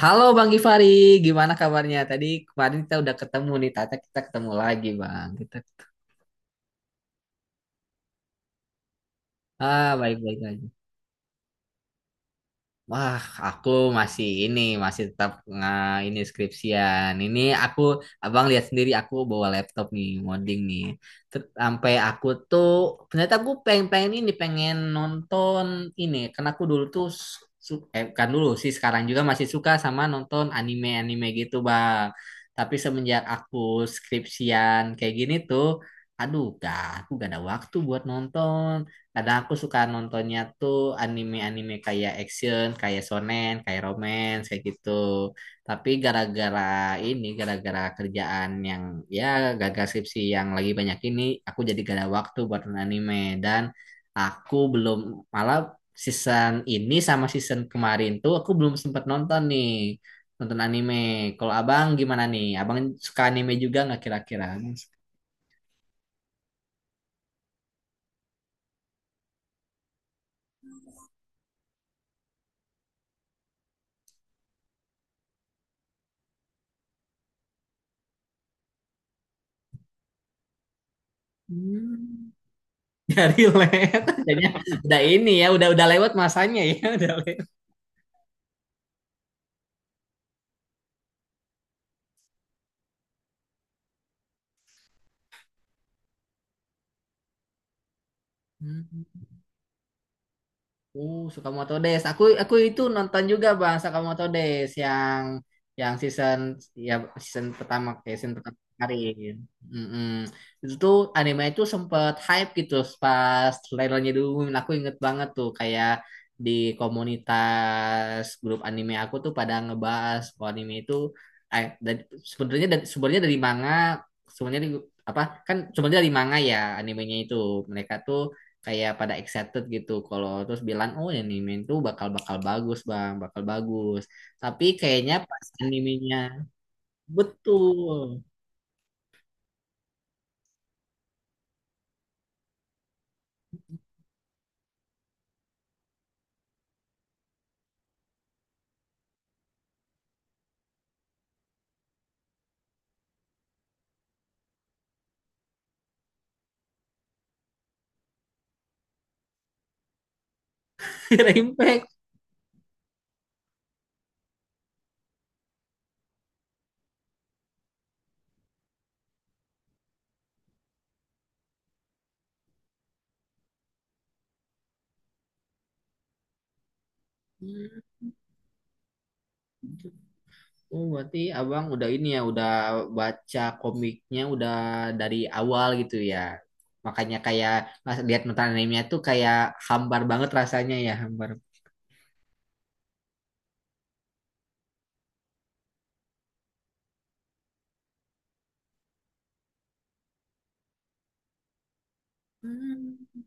Halo Bang Gifari, gimana kabarnya? Tadi kemarin kita udah ketemu nih, tata kita ketemu lagi Bang. Kita ah baik-baik aja. Wah, aku masih ini, masih tetap nggak ini skripsian. Ini aku, abang lihat sendiri, aku bawa laptop nih, ngoding nih. Sampai aku tuh, ternyata aku pengen-pengen ini, pengen nonton ini. Karena aku dulu tuh, bukan dulu sih, sekarang juga masih suka sama nonton anime-anime gitu, bang. Tapi semenjak aku skripsian kayak gini tuh, aduh, gak, aku gak ada waktu buat nonton. Kadang aku suka nontonnya tuh anime-anime kayak action, kayak shonen, kayak romance, kayak gitu. Tapi gara-gara ini, gara-gara kerjaan yang ya gagal skripsi yang lagi banyak ini, aku jadi gak ada waktu buat nonton anime. Dan aku belum, malah season ini sama season kemarin tuh aku belum sempat nonton nih. Nonton anime. Kalau abang gimana nih? Abang suka anime juga nggak kira-kira? Hmm. Dari led. Udah ini ya, udah lewat masanya ya, udah lewat. Hmm. Sakamoto Days. Aku itu nonton juga Bang Sakamoto Days yang season ya season pertama kayak season pertama kemarin. Mm-mm. Itu tuh anime itu sempet hype gitu pas trailernya dulu. Aku inget banget tuh kayak di komunitas grup anime aku tuh pada ngebahas kalau anime itu eh, dari- sebenarnya dari manga sebenarnya di- apa kan sebenarnya dari manga ya animenya itu mereka tuh kayak pada excited gitu kalau terus bilang, oh ini anime itu bakal bakal bagus bang bakal bagus, tapi kayaknya pas animenya. Betul. Impact. Oh, berarti abang udah ini ya, udah baca komiknya udah dari awal gitu ya, makanya kayak pas lihat nonton animenya tuh kayak hambar banget rasanya ya hambar. Hmm.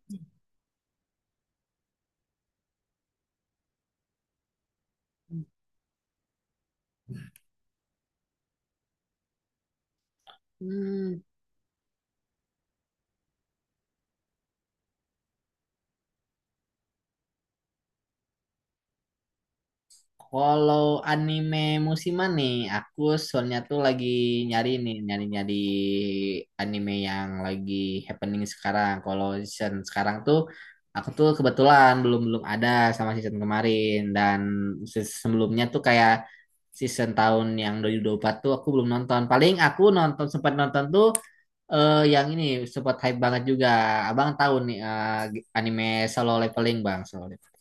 Hmm. Kalau anime musiman nih, aku soalnya tuh lagi nyari nih, nyari-nyari anime yang lagi happening sekarang. Kalau season sekarang tuh, aku tuh kebetulan belum-belum ada sama season kemarin. Dan season sebelumnya tuh kayak season tahun yang dua dua ribu dua puluh empat tuh aku belum nonton. Paling aku nonton, sempat nonton tuh yang ini, sempat hype banget juga. Abang tahu nih anime Solo Leveling, Bang. Solo Leveling.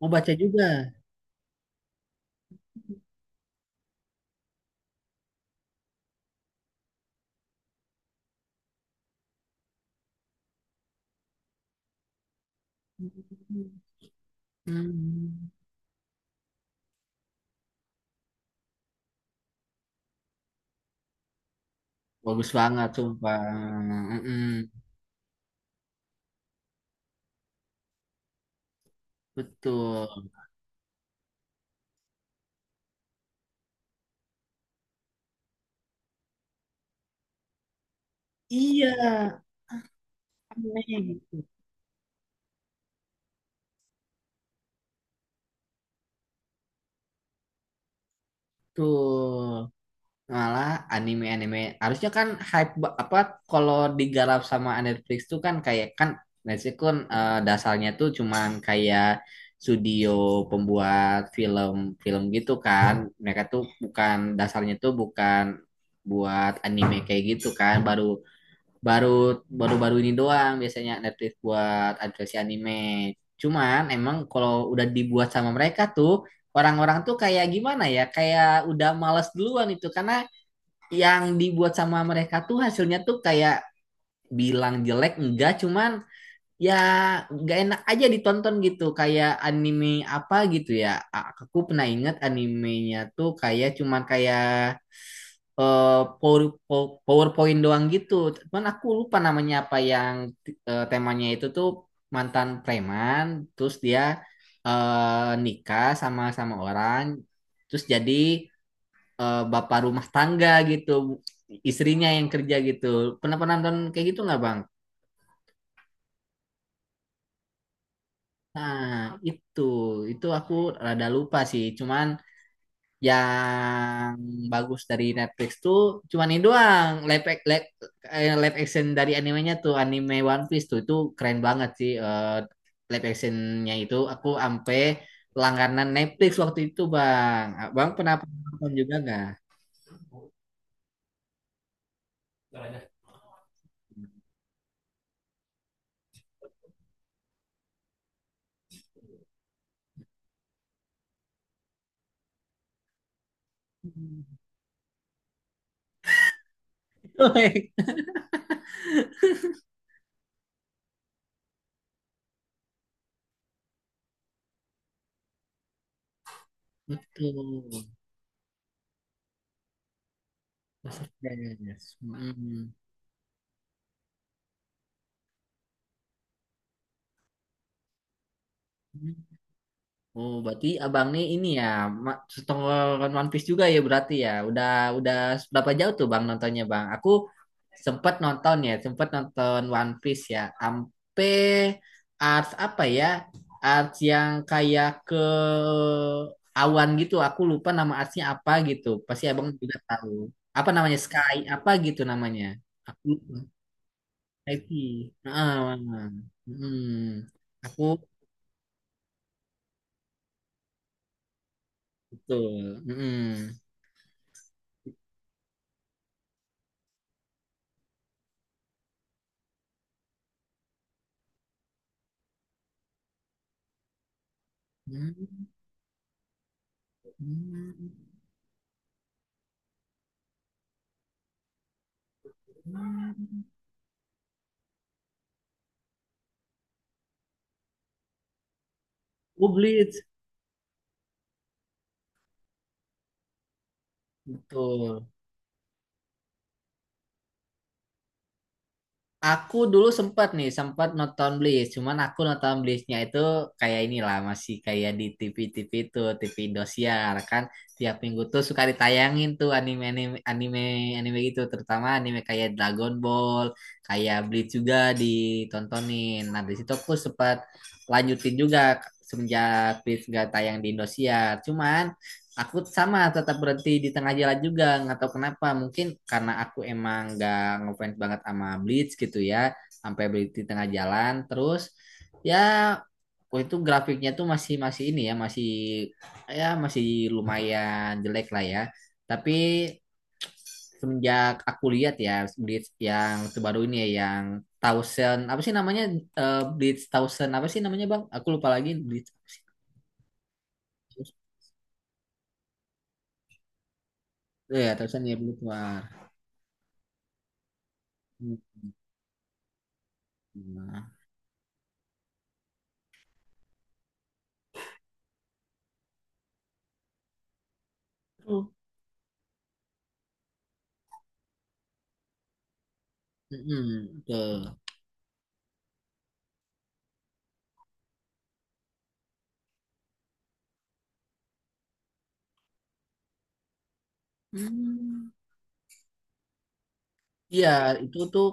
Mau baca juga. hmm Bagus banget sumpah, mhm, betul. Iya, aneh gitu. Malah anime-anime harusnya kan hype apa, kalau digarap sama Netflix tuh kan kayak kan Netflix kan, dasarnya tuh cuman kayak studio pembuat film-film gitu kan. Mereka tuh bukan dasarnya tuh bukan buat anime kayak gitu kan, baru baru baru-baru ini doang biasanya Netflix buat adaptasi anime. Cuman emang kalau udah dibuat sama mereka tuh orang-orang tuh kayak gimana ya? Kayak udah males duluan itu karena yang dibuat sama mereka tuh hasilnya tuh kayak bilang jelek enggak cuman ya nggak enak aja ditonton gitu kayak anime apa gitu ya aku pernah ingat animenya tuh kayak cuman kayak eh, PowerPoint doang gitu. Cuman aku lupa namanya apa yang temanya itu tuh mantan preman, terus dia nikah sama sama orang, terus jadi bapak rumah tangga gitu, istrinya yang kerja gitu. Pernah pernah nonton kayak gitu nggak Bang? Nah, itu itu aku rada lupa sih. Cuman yang bagus dari Netflix tuh cuman ini doang live, ac- live, eh, live action dari animenya tuh anime One Piece tuh itu keren banget sih live actionnya itu aku ampe langganan Netflix waktu itu bang bang pernah nonton juga nggak. Betul. Masterpiece. Mm. Oh, berarti abang nih ini ya setengah One Piece juga ya berarti ya. Udah berapa jauh tuh bang nontonnya bang? Aku sempat nonton ya, sempat nonton One Piece ya. Ampe arts apa ya? Arts yang kayak ke awan gitu. Aku lupa nama artsnya apa gitu. Pasti abang juga tahu. Apa namanya Sky? Apa gitu namanya? Aku lupa. Skype. Heeh. Hmm. Aku betul. Hmm. Hmm. Hmm. Oh, Bleach. Betul. Aku dulu sempat nih, sempat nonton Bleach. Cuman aku nonton Bleachnya itu kayak inilah, masih kayak di TV-TV itu, TV Indosiar kan. Tiap minggu tuh suka ditayangin tuh anime-anime anime anime gitu, terutama anime kayak Dragon Ball, kayak Bleach juga ditontonin. Nah, di situ aku sempat lanjutin juga semenjak Bleach gak tayang di Indosiar. Cuman aku sama tetap berhenti di tengah jalan juga nggak tahu kenapa mungkin karena aku emang nggak ngefans banget sama Bleach gitu ya sampai berhenti di tengah jalan terus ya waktu itu grafiknya tuh masih masih ini ya masih lumayan jelek lah ya tapi semenjak aku lihat ya Bleach yang terbaru ini ya yang Thousand apa sih namanya. Eh, Bleach Thousand apa sih namanya bang aku lupa lagi Bleach. Eh, ya Thousand ya Bleach War. Hmm. Nah. Mm-mm, betul. Hmm. Iya, itu tuh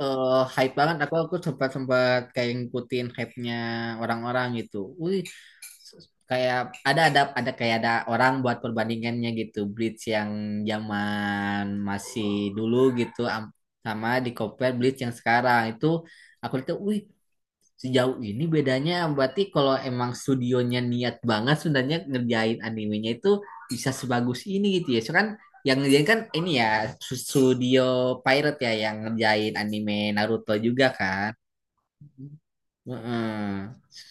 eh, hype banget. Aku sempat sempat kayak ngikutin hype-nya orang-orang gitu. Wih, kayak ada kayak ada orang buat perbandingannya gitu. Bleach yang zaman masih dulu gitu sama di compare Bleach yang sekarang itu aku lihat, wih. Sejauh ini bedanya berarti kalau emang studionya niat banget sebenarnya ngerjain animenya itu bisa sebagus ini gitu ya. So kan yang ngerjain kan ini ya studio Pirate ya yang ngerjain anime Naruto juga kan. Heeh.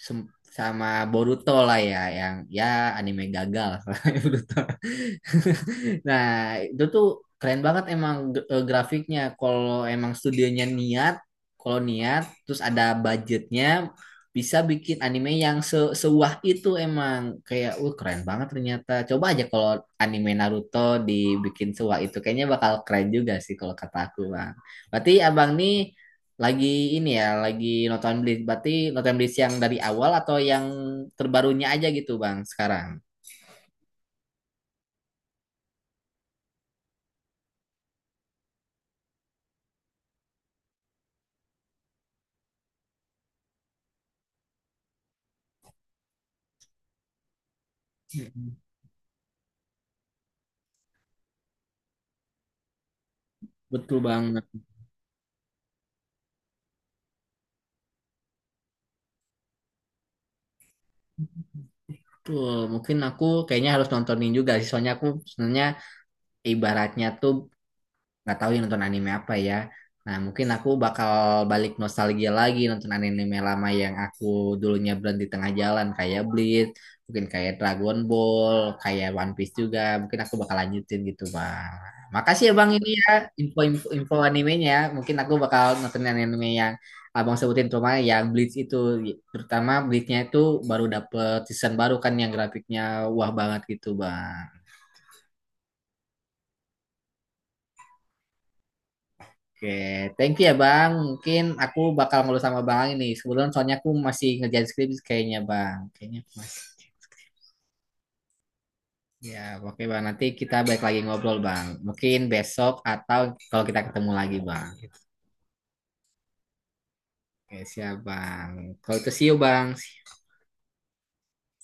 Sem- sama Boruto lah ya yang ya anime gagal. Boruto. Nah, itu tuh keren banget emang grafiknya. Kalau emang studionya niat, kalau niat, terus ada budgetnya, bisa bikin anime yang sewah itu emang kayak, keren banget ternyata. Coba aja kalau anime Naruto dibikin sewah itu, kayaknya bakal keren juga sih kalau kata aku, bang. Berarti abang nih lagi ini ya, lagi nonton Bleach. Berarti nonton Bleach yang dari awal atau yang terbarunya aja gitu, bang, sekarang. Betul, bang. Tuh, mungkin aku kayaknya harus nontonin juga sih. Soalnya aku sebenarnya ibaratnya tuh nggak tahu yang nonton anime apa ya. Nah, mungkin aku bakal balik nostalgia lagi nonton anime lama yang aku dulunya berhenti tengah jalan kayak Bleach, mungkin kayak Dragon Ball, kayak One Piece juga. Mungkin aku bakal lanjutin gitu, Bang. Makasih ya Bang ini ya info-info animenya. Ya. Mungkin aku bakal nonton anime yang Abang sebutin terutama yang Bleach itu terutama Bleachnya itu baru dapet season baru kan yang grafiknya wah banget gitu, Bang. Oke, thank you ya Bang. Mungkin aku bakal ngobrol sama Bang ini. Sebelum soalnya aku masih ngerjain skripsi kayaknya Bang. Kayaknya aku masih. Ya, oke Bang. Nanti kita balik lagi ngobrol Bang. Mungkin besok atau kalau kita ketemu lagi Bang. Oke, siap Bang. Kalau itu see you Bang.